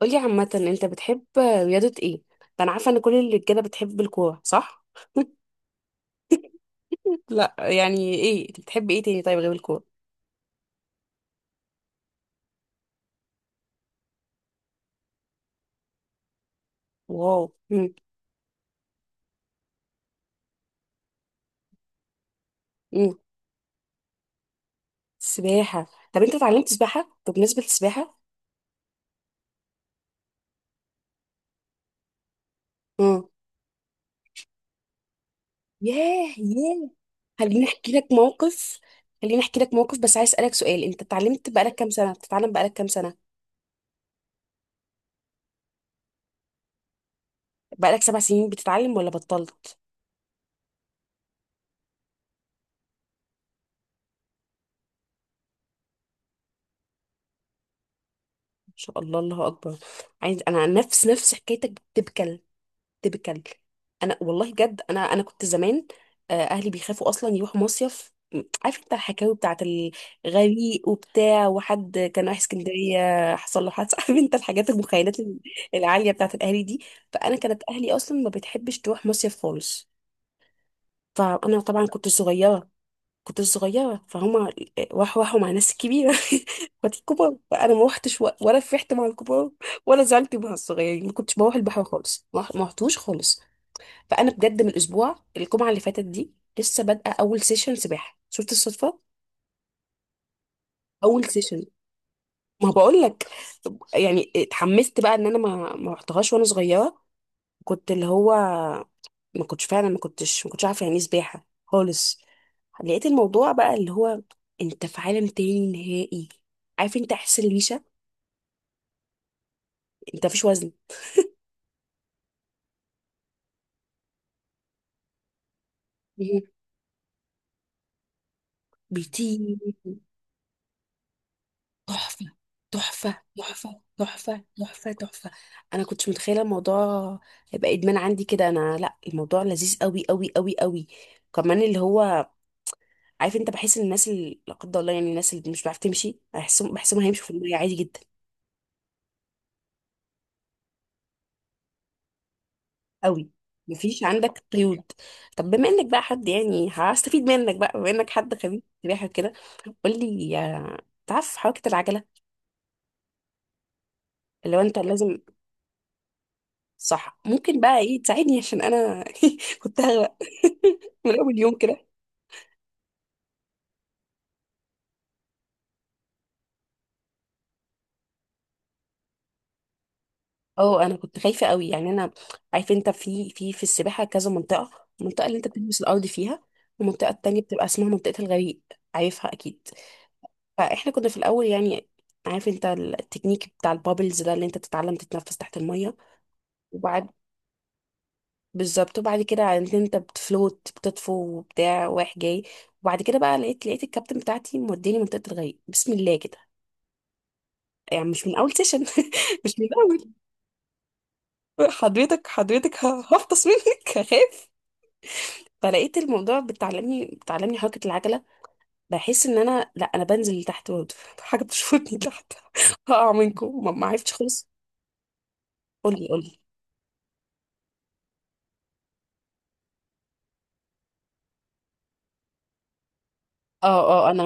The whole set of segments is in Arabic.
قولي عامة انت بتحب رياضة ايه؟ انا عارفة ان كل الرجالة بتحب الكورة صح؟ لا، يعني ايه انت بتحب ايه تاني طيب غير الكورة؟ واو. مم. مم. سباحة. طب انت اتعلمت سباحة؟ بمناسبة السباحة؟ مم. ياه ياه. خليني احكي لك موقف. خليني احكي لك موقف بس عايز اسألك سؤال، انت اتعلمت بقالك كام سنة؟ بتتعلم بقالك كام سنة؟ بقالك سبع سنين بتتعلم ولا بطلت؟ ما شاء الله، الله اكبر. عايز انا نفس نفس حكايتك بتبكى بكلب. انا والله بجد انا كنت زمان. اهلي بيخافوا اصلا يروحوا مصيف، م- عارف انت الحكاوي بتاعت الغريق وبتاع وحد كان رايح اسكندريه حصل له حادثه عارف انت الحاجات المخيلات العاليه بتاعت الاهالي دي. فانا كانت اهلي اصلا ما بتحبش تروح مصيف خالص. فانا طبعا كنت صغيره. كنت صغيره فهما راحوا مع ناس كبيره اخواتي الكبار، فانا ما روحتش، و- ولا فرحت مع الكبار ولا زعلت مع الصغيرين، ما كنتش بروح البحر خالص، ما رحتوش خالص. فانا بجد من الاسبوع الجمعه اللي فاتت دي لسه بادئه اول سيشن سباحه، شفت الصدفه؟ اول سيشن. ما بقول لك، يعني اتحمست بقى ان انا ما رحتهاش وانا صغيره. كنت اللي هو، ما كنتش فعلا، ما كنتش عارفه يعني ايه سباحه خالص. لقيت الموضوع بقى اللي هو، انت في عالم تاني نهائي. عارف انت، احس الريشه، انت مفيش وزن. مهم. بيطير. تحفة تحفة تحفة تحفة تحفة تحفة. انا كنتش متخيلة الموضوع هيبقى ادمان عندي كده، انا لا الموضوع لذيذ قوي قوي قوي قوي. كمان اللي هو عارف انت، بحس ان الناس اللي لا قدر الله يعني الناس اللي مش بتعرف تمشي بحسهم، بحسهم هيمشوا في المية عادي جدا. قوي. مفيش عندك قيود. طب بما انك بقى حد يعني هستفيد منك بقى، بما انك حد خبير سباحة كده، قول لي، تعرف حركة العجلة؟ اللي هو انت لازم. صح، ممكن بقى ايه تساعدني عشان انا كنت هغرق من اول يوم كده. اه، انا كنت خايفه قوي يعني انا. عارف انت في السباحه كذا منطقه، المنطقه اللي انت بتلبس الارض فيها والمنطقه التانية بتبقى اسمها منطقه الغريق. عارفها اكيد. فاحنا كنا في الاول يعني عارف انت التكنيك بتاع البابلز ده اللي انت تتعلم تتنفس تحت الميه؟ وبعد، بالظبط، وبعد كده عرفت انت بتفلوت، بتطفو وبتاع رايح جاي. وبعد كده بقى لقيت الكابتن بتاعتي موديني منطقه الغريق بسم الله كده، يعني مش من اول سيشن مش من اول. حضرتك ه- هفطس منك، هخاف. فلقيت الموضوع بتعلمني حركة العجلة. بحس ان انا لا انا بنزل لتحت برضه حاجة بتشفطني تحت هقع منكم، ما عرفتش خالص. قولي قولي. اه اه. انا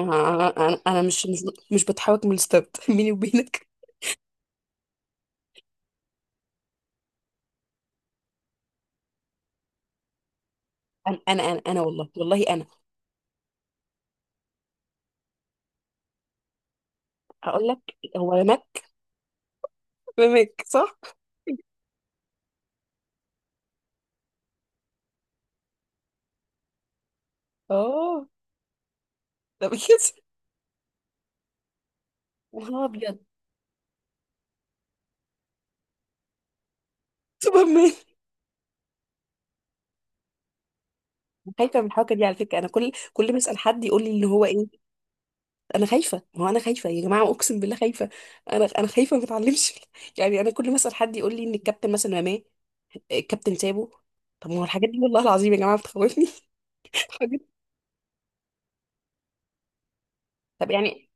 انا انا مش بتحرك من الستارت بيني وبينك. انا والله والله انا هقول لك، هو رماك؟ رماك صح؟ اه، ده بجد. والله ابيض. سوبرمان. خايفه من الحركه دي على فكره، انا كل كل ما اسال حد يقول لي اللي هو ايه. انا خايفه، ما هو انا خايفه يا جماعه، اقسم بالله خايفه. انا خايفه ما اتعلمش يعني انا كل ما اسال حد يقول لي ان الكابتن مثلا رماه، الكابتن سابه. طب ما هو الحاجات دي والله العظيم يا جماعه بتخوفني الحاجات. طب يعني،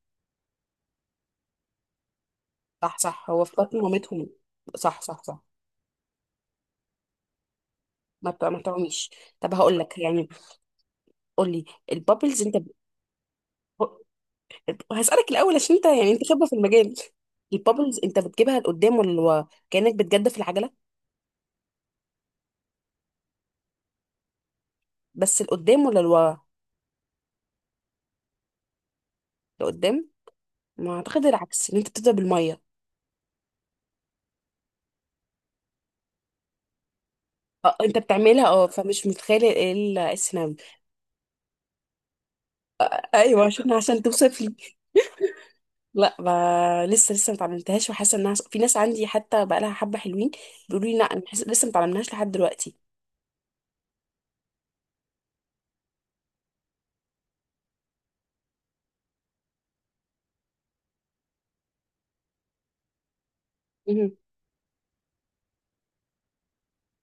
صح صح، هو في بطن مامتهم. صح صح صح. ما بتع- ما تعوميش. طب هقول لك يعني، قول لي، البابلز انت ب... هسالك الاول عشان انت يعني انت خبره في المجال. البابلز انت بتجيبها لقدام ولا لورا، كانك بتجدف العجله؟ بس لقدام ولا لورا؟ لقدام. ما اعتقد العكس، ان انت بتبدا بالميه. اه، انت بتعملها، اه، فمش متخيله ايه ال- السيناريو. ايوه عشان عشان توصف لي. لا ما لسه، لسه ما اتعلمتهاش، وحاسه انها في ناس عندي حتى بقى لها حبه حلوين بيقولوا لي لا، انا حاسة- لسه ما اتعلمناهاش لحد دلوقتي. مهم.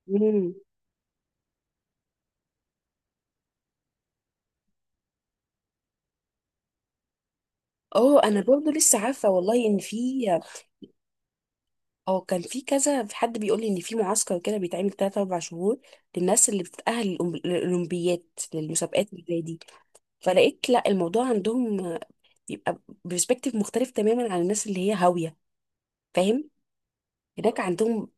مهم. اه انا برضه لسه عارفه والله ان في، اه، كان في كذا، في حد بيقول لي ان في معسكر كده بيتعمل 3 4 شهور للناس اللي بتتاهل للأولمب- للاولمبيات، للمسابقات اللي زي دي. فلقيت لا الموضوع عندهم بيبقى برسبكتيف مختلف تماما عن الناس اللي هي هاوية، فاهم؟ هناك عندهم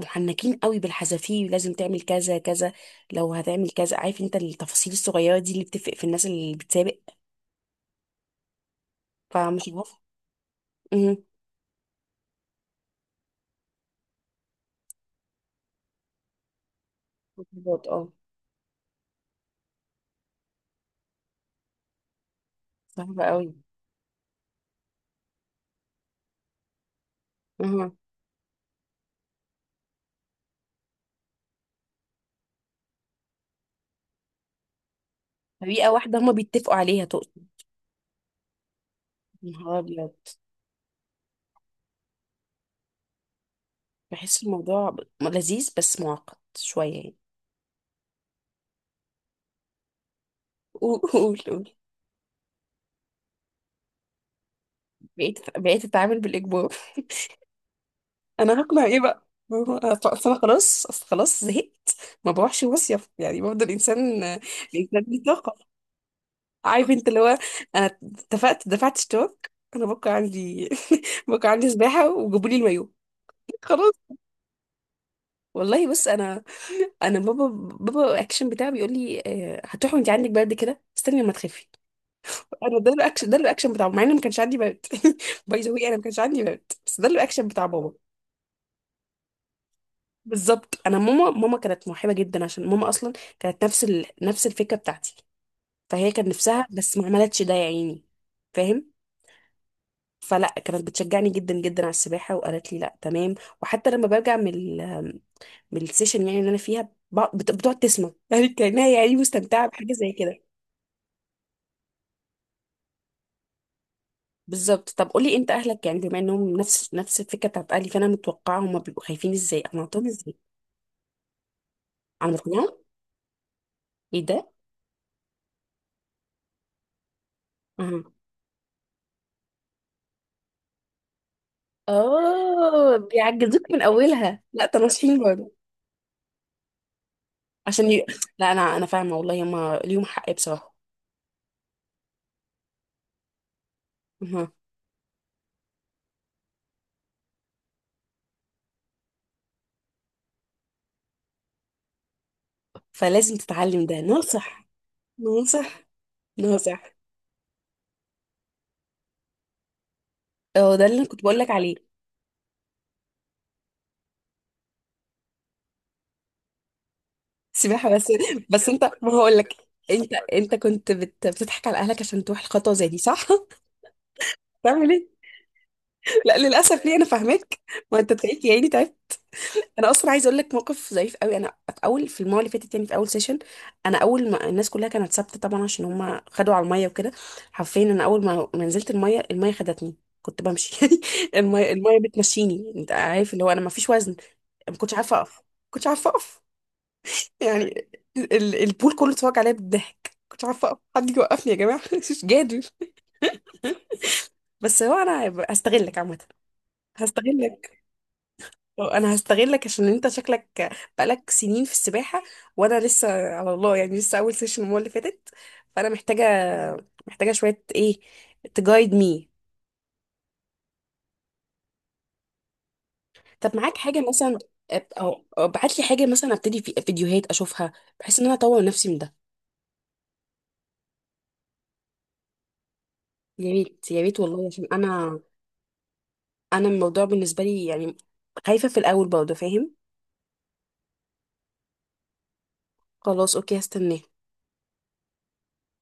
محنكين قوي بالحذافير، لازم تعمل كذا كذا، لو هتعمل كذا، عارف انت التفاصيل الصغيرة دي اللي بتفرق في الناس اللي بتسابق. فمش عارفة. امم. بالظبط، اه. صعبة قوي. اها. طريقة واحدة هما بيتفقوا عليها تقصد؟ يا نهار أبيض، بحس الموضوع ب- لذيذ بس معقد شوية يعني. قول قول قول. بقيت أتعامل بالإجبار. انا هقنع ايه بقى، ما هو- أصل أصل انا خلاص، اصل خلاص زهقت. ما بروحش مصيف، يعني برضه الانسان، الانسان ليه طاقه. عارف انت اللي هو، انا اتفقت، دفعت اشتراك، انا بكره عندي بكره عندي سباحه وجابوا لي المايو، خلاص. والله بص، انا، انا بابا، بابا الاكشن بتاعه بيقول لي هتروحي وانت عندك برد كده، استني لما تخفي. انا ده الاكشن، ده الاكشن بتاعه مع ان ما كانش عندي برد باي ذا واي انا ما كانش عندي برد، بس ده الاكشن بتاع بابا. بالظبط. انا ماما، ماما كانت موهبه جدا عشان ماما اصلا كانت نفس ال... نفس الفكره بتاعتي، فهي كان نفسها بس ما عملتش ده يا عيني، فاهم؟ فلا كانت بتشجعني جدا جدا على السباحه، وقالت لي لا تمام. وحتى لما برجع من ال... من السيشن يعني اللي انا فيها، ب... بت... بتقعد تسمع يعني كانها يعني مستمتعه بحاجه زي كده. بالظبط. طب قولي انت، اهلك يعني بما انهم نفس نفس الفكره بتاعت اهلي، فانا متوقعه هم بيبقوا خايفين، ازاي اقنعتهم ازاي؟ انا مقنعه، ايه ده؟ اه، بيعجزوك من اولها، لا تنصحين برضه؟ عشان ي... لا انا انا فاهمه والله، هما ليهم حق بصراحه. أها. فلازم تتعلم، ده ناصح. ناصح. ناصح. هو ده اللي أنا كنت بقول لك عليه. سباحه بس. بس انت، ما هقول لك، انت كنت بت... بتضحك على اهلك عشان تروح الخطوه زي دي صح؟ تعمل ايه؟ لا للاسف، ليه؟ انا فاهمك، ما انت تلاقيك يعني تعبت. انا اصلا عايزه اقول لك موقف ظريف قوي. انا في اول، في المره اللي فاتت يعني في اول سيشن، انا اول ما الناس كلها كانت ثابته طبعا عشان هم خدوا على الميه وكده، حرفيا انا اول ما نزلت الميه، الميه خدتني. كنت بمشي يعني الميه، الميه بتمشيني، انت عارف اللي هو انا ما فيش وزن. ما كنتش عارفه اقف، ما كنتش عارفه اقف يعني. ال- البول كله اتفرج عليا بالضحك، ما كنتش عارفه اقف، حد يجي يوقفني يا جماعه مش قادر. بس هو انا هستغلك عامه، هستغلك. انا هستغلك عشان انت شكلك بقالك سنين في السباحه، وانا لسه، على الله يعني لسه اول سيشن المره اللي فاتت، فانا محتاجه، محتاجه شويه ايه، تجايد مي. طب معاك حاجه مثلا، او ابعت لي حاجه مثلا، ابتدي في فيديوهات اشوفها بحيث ان انا اطور نفسي من ده. يا ريت يا ريت والله، عشان انا، انا الموضوع بالنسبه لي يعني خايفه في الاول برضه، فاهم؟ خلاص، اوكي، هستناه.